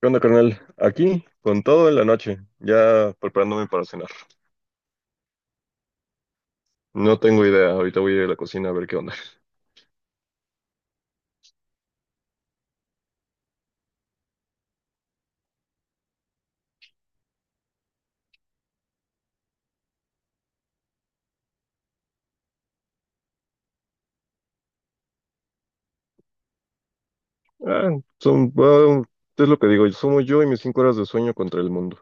¿Qué onda, carnal? Aquí, con todo en la noche, ya preparándome para cenar. No tengo idea, ahorita voy a ir a la cocina a ver qué onda. Ah, son, es lo que digo, somos yo y mis 5 horas de sueño contra el mundo.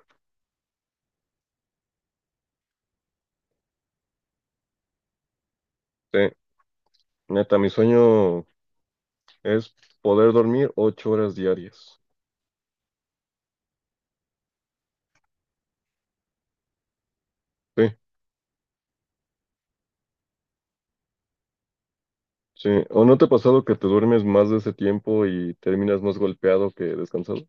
Sí, neta, mi sueño es poder dormir 8 horas diarias. Sí, sí. ¿O no te ha pasado que te duermes más de ese tiempo y terminas más golpeado que descansado?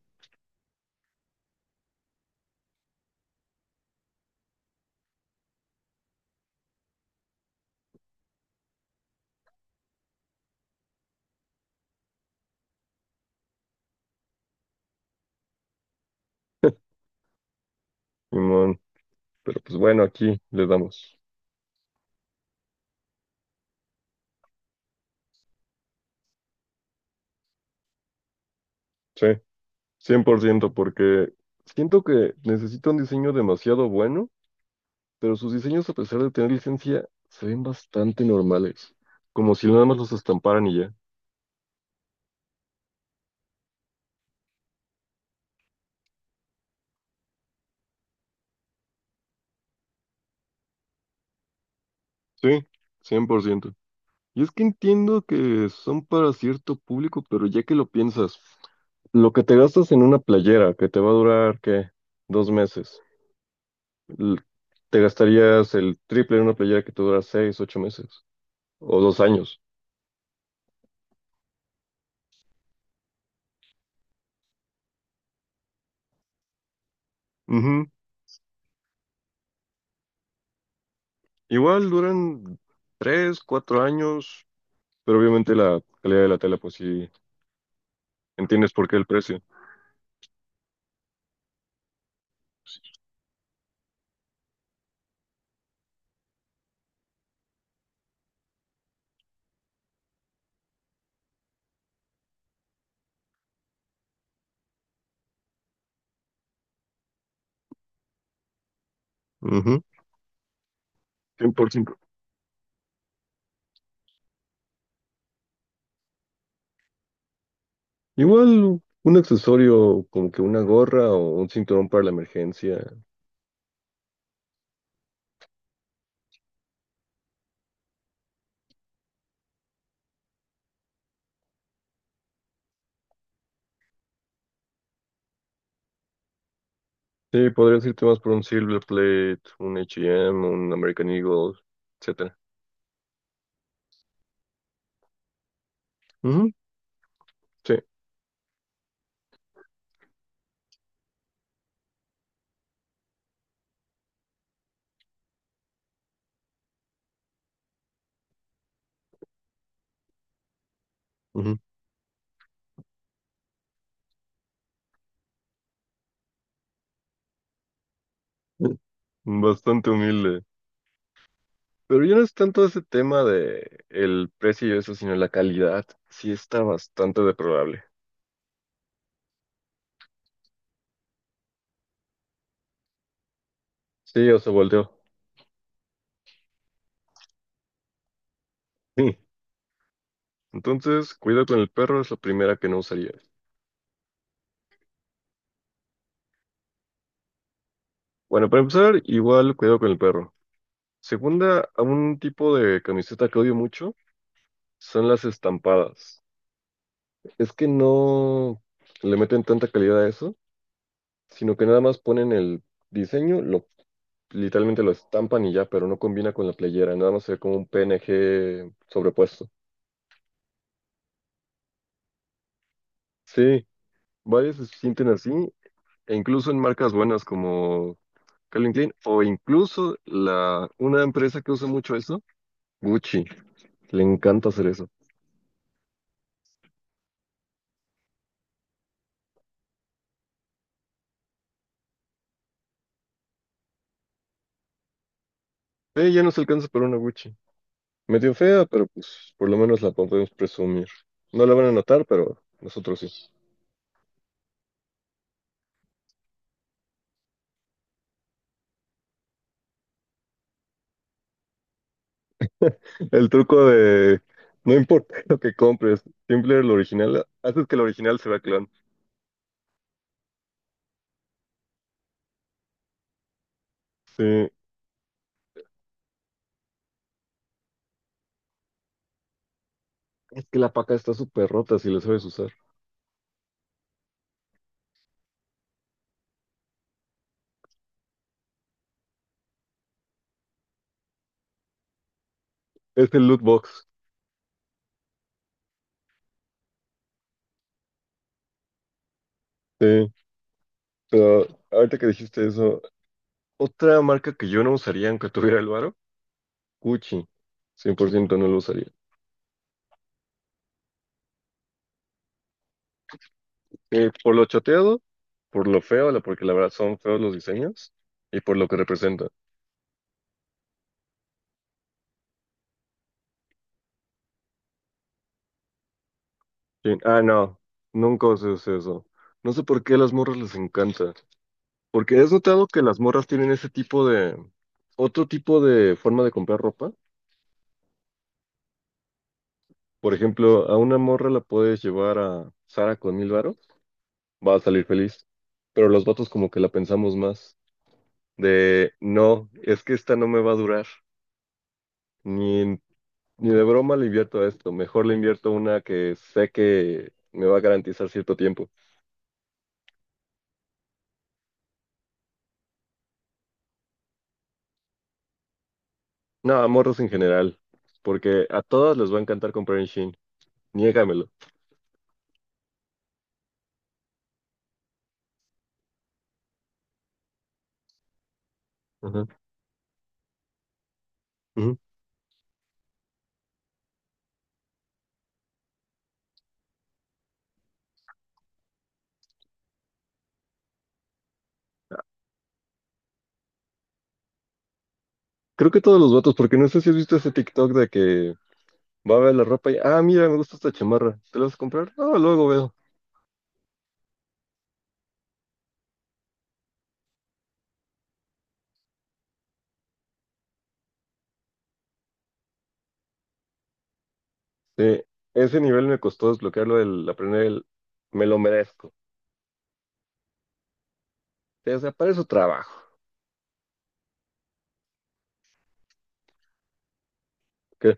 Simón, pero pues bueno, aquí le damos. Sí, 100%, porque siento que necesito un diseño demasiado bueno, pero sus diseños, a pesar de tener licencia, se ven bastante normales, como si nada más los estamparan y ya. Sí, 100%. Y es que entiendo que son para cierto público, pero ya que lo piensas, lo que te gastas en una playera que te va a durar, ¿qué? Dos meses. l- Te gastarías el triple en una playera que te dura 6, 8 meses o 2 años. Ujú. Igual duran 3, 4 años, pero obviamente la calidad de la tela, pues sí, entiendes por qué el precio. Ujú. 100%. Igual un accesorio como que una gorra o un cinturón para la emergencia. Sí, podrías irte más por un Silver Plate, un H&M, un American Eagle, etcétera. Ujú, sí, ujú. Bastante humilde. Pero ya no es tanto ese tema de el precio y eso, sino la calidad. Sí, está bastante deplorable. Sí, o se volteó. Sí. Entonces, cuidado con el perro es la primera que no usaría. Bueno, para empezar, igual cuidado con el perro. Segunda, a un tipo de camiseta que odio mucho son las estampadas. Es que no le meten tanta calidad a eso, sino que nada más ponen el diseño, lo literalmente lo estampan y ya, pero no combina con la playera, nada más se ve como un PNG sobrepuesto. Sí, varias se sienten así, e incluso en marcas buenas como Calvin Klein, o una empresa que usa mucho eso, Gucci, le encanta hacer eso. Ya no se alcanza para una Gucci. Medio fea, pero pues por lo menos la podemos presumir. No la van a notar, pero nosotros sí. El truco de no importa lo que compres, siempre el original, haces que el original se vea clon. Sí, es que la paca está súper rota si la sabes usar. Es el loot box. Sí, pero ahorita que dijiste eso, otra marca que yo no usaría aunque tuviera el varo, Gucci. 100% no lo usaría. Sí, por lo choteado, por lo feo, porque la verdad son feos los diseños y por lo que representa. Sí. Ah, no, nunca usé eso. No sé por qué a las morras les encanta. Porque has notado que las morras tienen ese tipo de, otro tipo de forma de comprar ropa. Por ejemplo, a una morra la puedes llevar a Sara con 1000 varos, va a salir feliz. Pero los vatos como que la pensamos más. De, no, es que esta no me va a durar. Ni, en- ni de broma le invierto a esto. Mejor le invierto a una que sé que me va a garantizar cierto tiempo. No, a morros en general, porque a todos les va a encantar comprar en Shein, niégamelo. Ajá, ujú. Creo que todos los vatos, porque no sé si has visto ese TikTok de que va a ver la ropa y, ah, mira, me gusta esta chamarra, ¿te la vas a comprar? Ah, luego veo. Sí, ese nivel me costó desbloquearlo, el aprender me lo merezco. Sí, o sea, para eso trabajo. ¿Qué?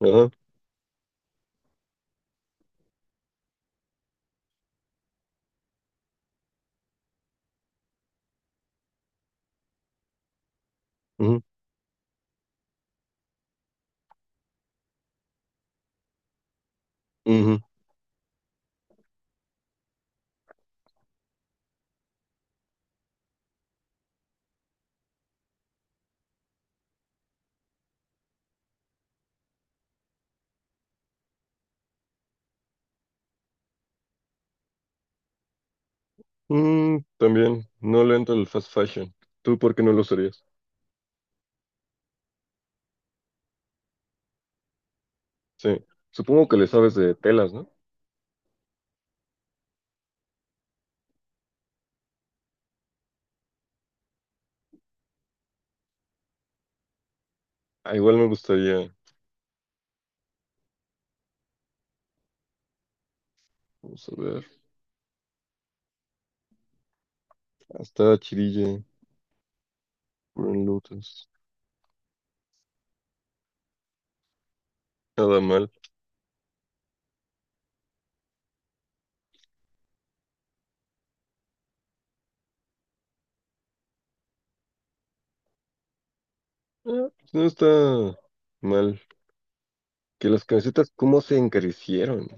Ajá, ujú, ujú. Mm, también, no le entro el fast fashion. ¿Tú por qué no lo usarías? Sí, supongo que le sabes de telas, ¿no? Ah, igual me gustaría, vamos a ver. Hasta Chirille, Burn Lotus. Nada mal. Ah, pues no está mal. Que las camisetas, ¿cómo se encarecieron?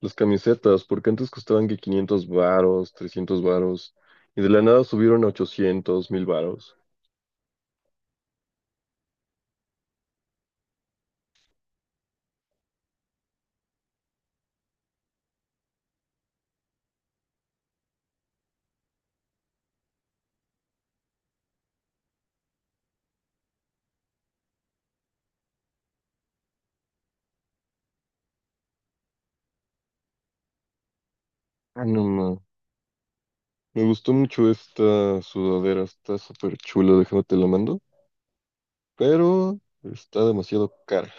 Las camisetas, porque antes costaban que 500 varos, 300 varos, y de la nada subieron a 800, 1000 varos. Ah, no, no. Me gustó mucho esta sudadera, está súper chula, déjame te la mando, pero está demasiado cara.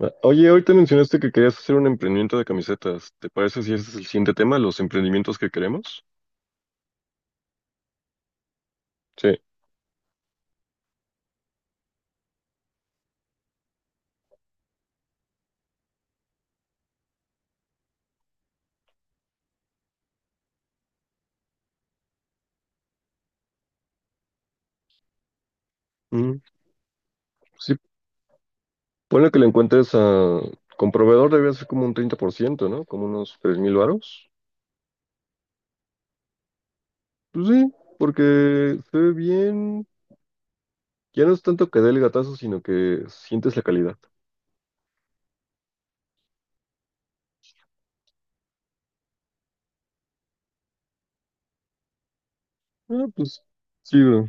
Ah, oye, ahorita mencionaste que querías hacer un emprendimiento de camisetas. ¿Te parece si ese es el siguiente tema, los emprendimientos que queremos? Sí. Sí, ponle que le encuentres a... Con proveedor debía ser como un 30%, ¿no? Como unos 3000 varos. Pues sí, porque se ve bien. Ya no es tanto que dé el gatazo, sino que sientes la calidad. Ah, pues sí, bro.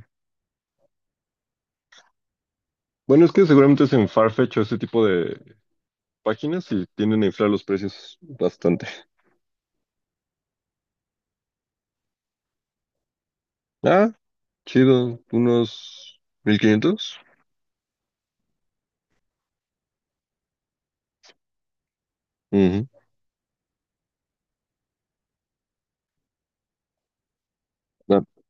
Bueno, es que seguramente es en Farfetch o ese tipo de páginas y tienden a inflar los precios bastante. Ah, chido. Unos 1.500. Ujú. Ah.